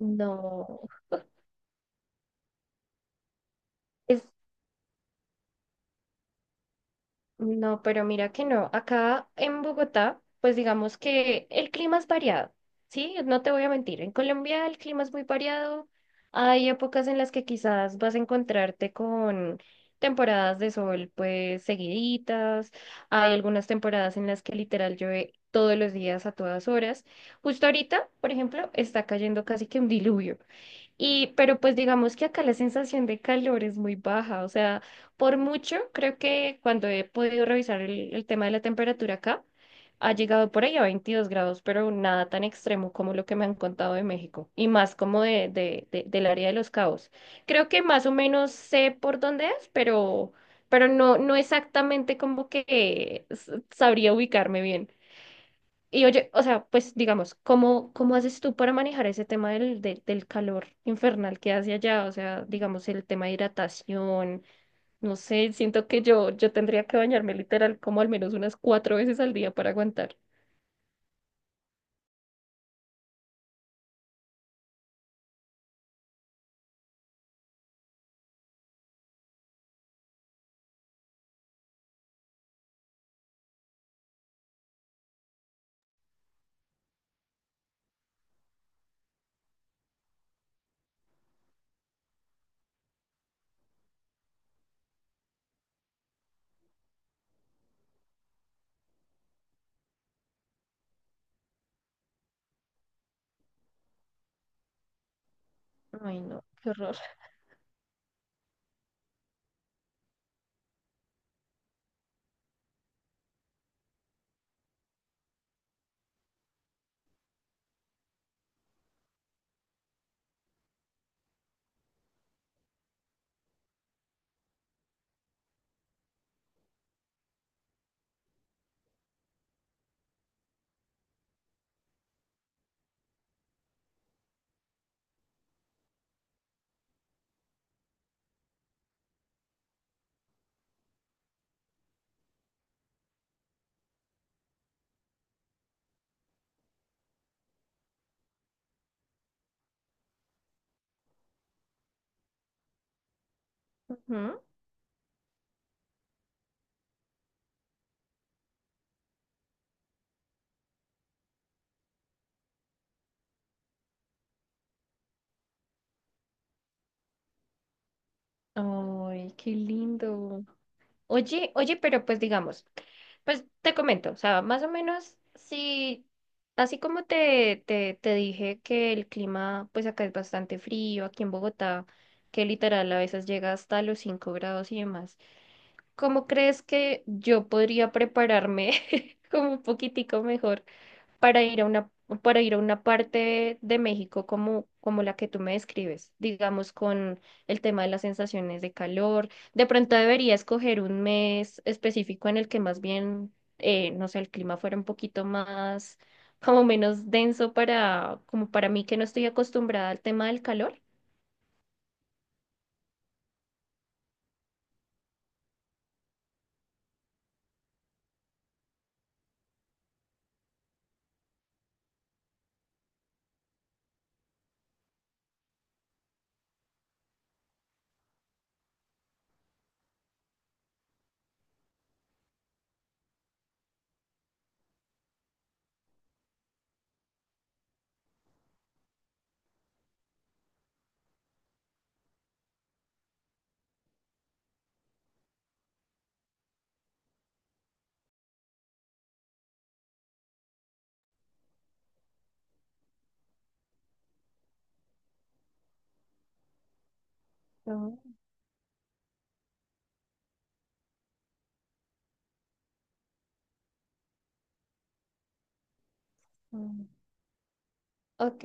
No, es, no, pero mira que no. Acá en Bogotá, pues digamos que el clima es variado, ¿sí? No te voy a mentir. En Colombia el clima es muy variado. Hay épocas en las que quizás vas a encontrarte con temporadas de sol, pues seguiditas. Hay algunas temporadas en las que literal llueve todos los días a todas horas. Justo ahorita, por ejemplo, está cayendo casi que un diluvio. Y, pero pues digamos que acá la sensación de calor es muy baja, o sea, por mucho creo que cuando he podido revisar el tema de la temperatura acá, ha llegado por ahí a 22 grados, pero nada tan extremo como lo que me han contado de México, y más como del área de Los Cabos. Creo que más o menos sé por dónde es, pero no, no exactamente como que sabría ubicarme bien. Y oye, o sea, pues digamos, cómo haces tú para manejar ese tema del calor infernal que hace allá? O sea, digamos, el tema de hidratación, no sé, siento que yo tendría que bañarme literal como al menos unas cuatro veces al día para aguantar. Ay, no, qué horror. Ujú. Ay, qué lindo. Oye, oye, pero pues digamos. Pues te comento, o sea, más o menos, sí, así como te dije que el clima, pues acá es bastante frío, aquí en Bogotá, que literal a veces llega hasta los 5 grados y demás. ¿Cómo crees que yo podría prepararme como un poquitico mejor para ir a una, para ir a una parte de México como, como la que tú me describes, digamos con el tema de las sensaciones de calor? De pronto debería escoger un mes específico en el que más bien, no sé, el clima fuera un poquito más, como menos denso para, como para mí que no estoy acostumbrada al tema del calor. Ujú. Ok,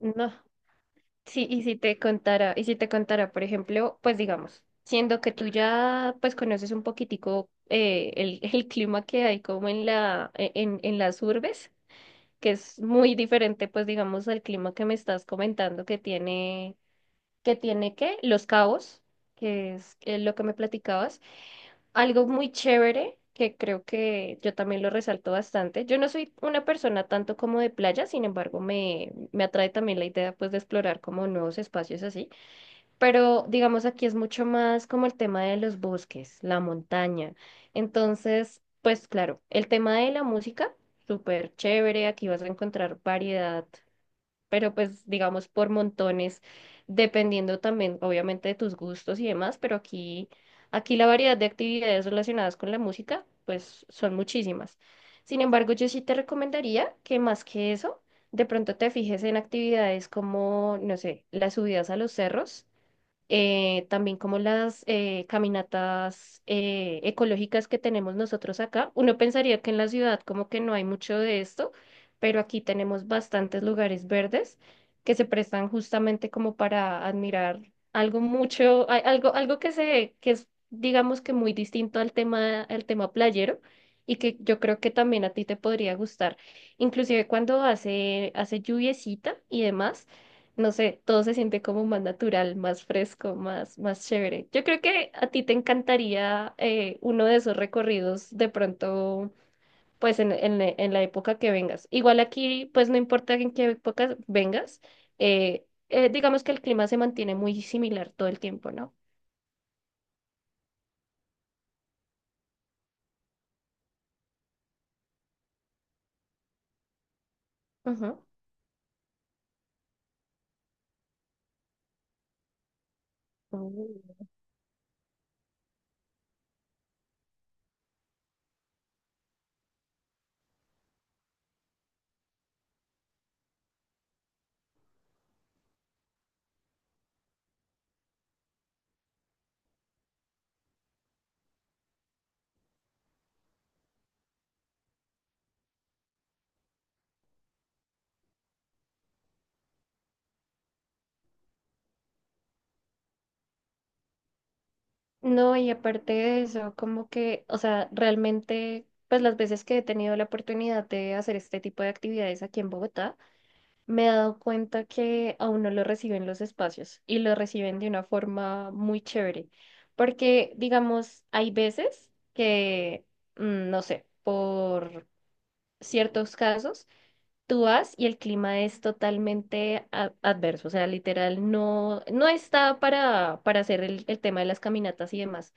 no. Sí, y si te contara, por ejemplo, pues digamos, siendo que tú ya pues conoces un poquitico el clima que hay como en en las urbes, que es muy diferente, pues digamos, al clima que me estás comentando que tiene ¿qué? Los Cabos, que es lo que me platicabas. Algo muy chévere que creo que yo también lo resalto bastante. Yo no soy una persona tanto como de playa, sin embargo, me atrae también la idea pues de explorar como nuevos espacios así. Pero digamos aquí es mucho más como el tema de los bosques, la montaña. Entonces, pues claro, el tema de la música, súper chévere, aquí vas a encontrar variedad, pero pues digamos por montones, dependiendo también obviamente de tus gustos y demás, aquí la variedad de actividades relacionadas con la música, pues son muchísimas. Sin embargo, yo sí te recomendaría que más que eso, de pronto te fijes en actividades como, no sé, las subidas a los cerros también como las caminatas ecológicas que tenemos nosotros acá. Uno pensaría que en la ciudad como que no hay mucho de esto, pero aquí tenemos bastantes lugares verdes que se prestan justamente como para admirar algo mucho, algo que que es digamos que muy distinto al tema playero. Y que yo creo que también a ti te podría gustar. Inclusive cuando hace lluviecita y demás, no sé, todo se siente como más natural, más fresco, más chévere. Yo creo que a ti te encantaría uno de esos recorridos de pronto, pues en la época que vengas. Igual aquí, pues no importa en qué época vengas, digamos que el clima se mantiene muy similar todo el tiempo, ¿no? Ujú. Mm. No, y aparte de eso, como que, o sea, realmente, pues las veces que he tenido la oportunidad de hacer este tipo de actividades aquí en Bogotá, me he dado cuenta que a uno lo reciben los espacios y lo reciben de una forma muy chévere. Porque, digamos, hay veces que, mm, no sé, por ciertos casos, tú vas y el clima es totalmente adverso. O sea, literal, no, no está para hacer el tema de las caminatas y demás.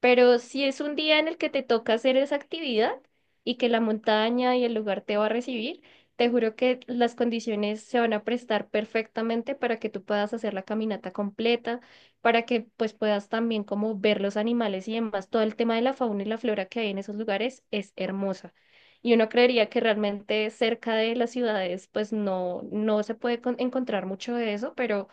Pero si es un día en el que te toca hacer esa actividad y que la montaña y el lugar te va a recibir, te juro que las condiciones se van a prestar perfectamente para que tú puedas hacer la caminata completa, para que pues puedas también como ver los animales y demás. Todo el tema de la fauna y la flora que hay en esos lugares es hermosa. Y uno creería que realmente cerca de las ciudades pues no, no se puede encontrar mucho de eso, pero...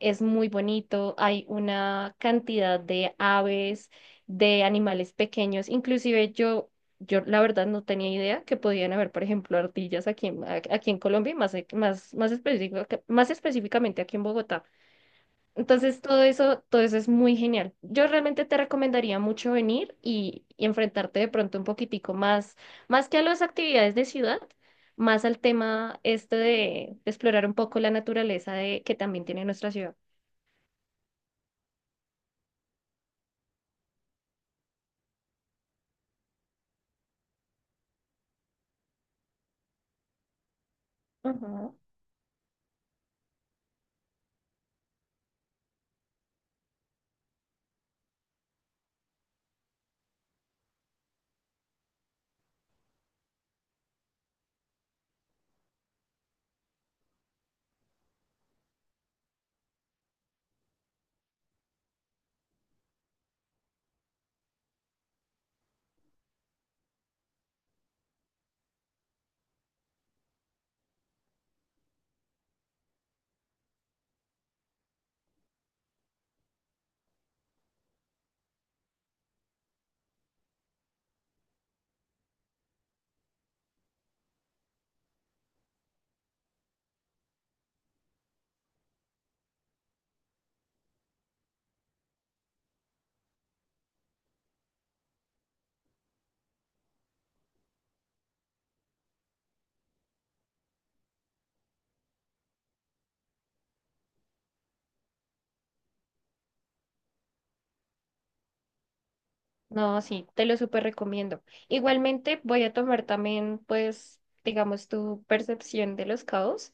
Es muy bonito, hay una cantidad de aves, de animales pequeños, inclusive yo la verdad no tenía idea que podían haber, por ejemplo, ardillas aquí en Colombia, y más específicamente aquí en Bogotá. Entonces todo eso es muy genial. Yo realmente te recomendaría mucho venir y enfrentarte de pronto un poquitico más, más que a las actividades de ciudad, más al tema este de explorar un poco la naturaleza de, que también tiene nuestra ciudad. Ujú. No, sí, te lo súper recomiendo. Igualmente voy a tomar también, pues, digamos, tu percepción de los caos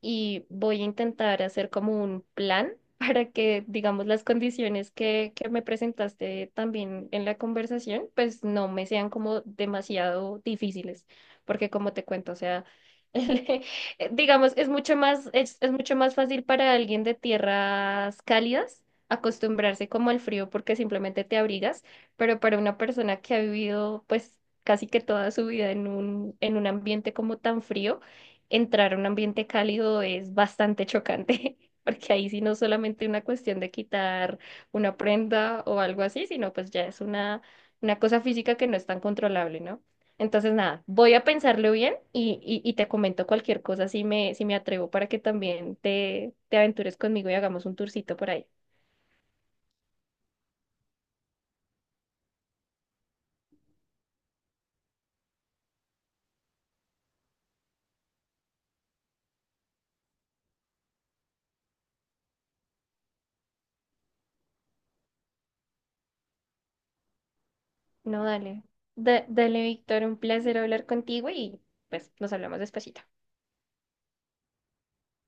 y voy a intentar hacer como un plan para que, digamos, las condiciones que me presentaste también en la conversación, pues no me sean como demasiado difíciles, porque como te cuento, o sea, digamos, es mucho más fácil para alguien de tierras cálidas acostumbrarse como al frío porque simplemente te abrigas, pero para una persona que ha vivido pues casi que toda su vida en en un ambiente como tan frío, entrar a un ambiente cálido es bastante chocante, porque ahí sí no es solamente una cuestión de quitar una prenda o algo así, sino pues ya es una cosa física que no es tan controlable, ¿no? Entonces, nada, voy a pensarlo bien y te comento cualquier cosa si me atrevo para que también te aventures conmigo y hagamos un tourcito por ahí. No, dale. Dale, Víctor, un placer hablar contigo y pues nos hablamos despacito.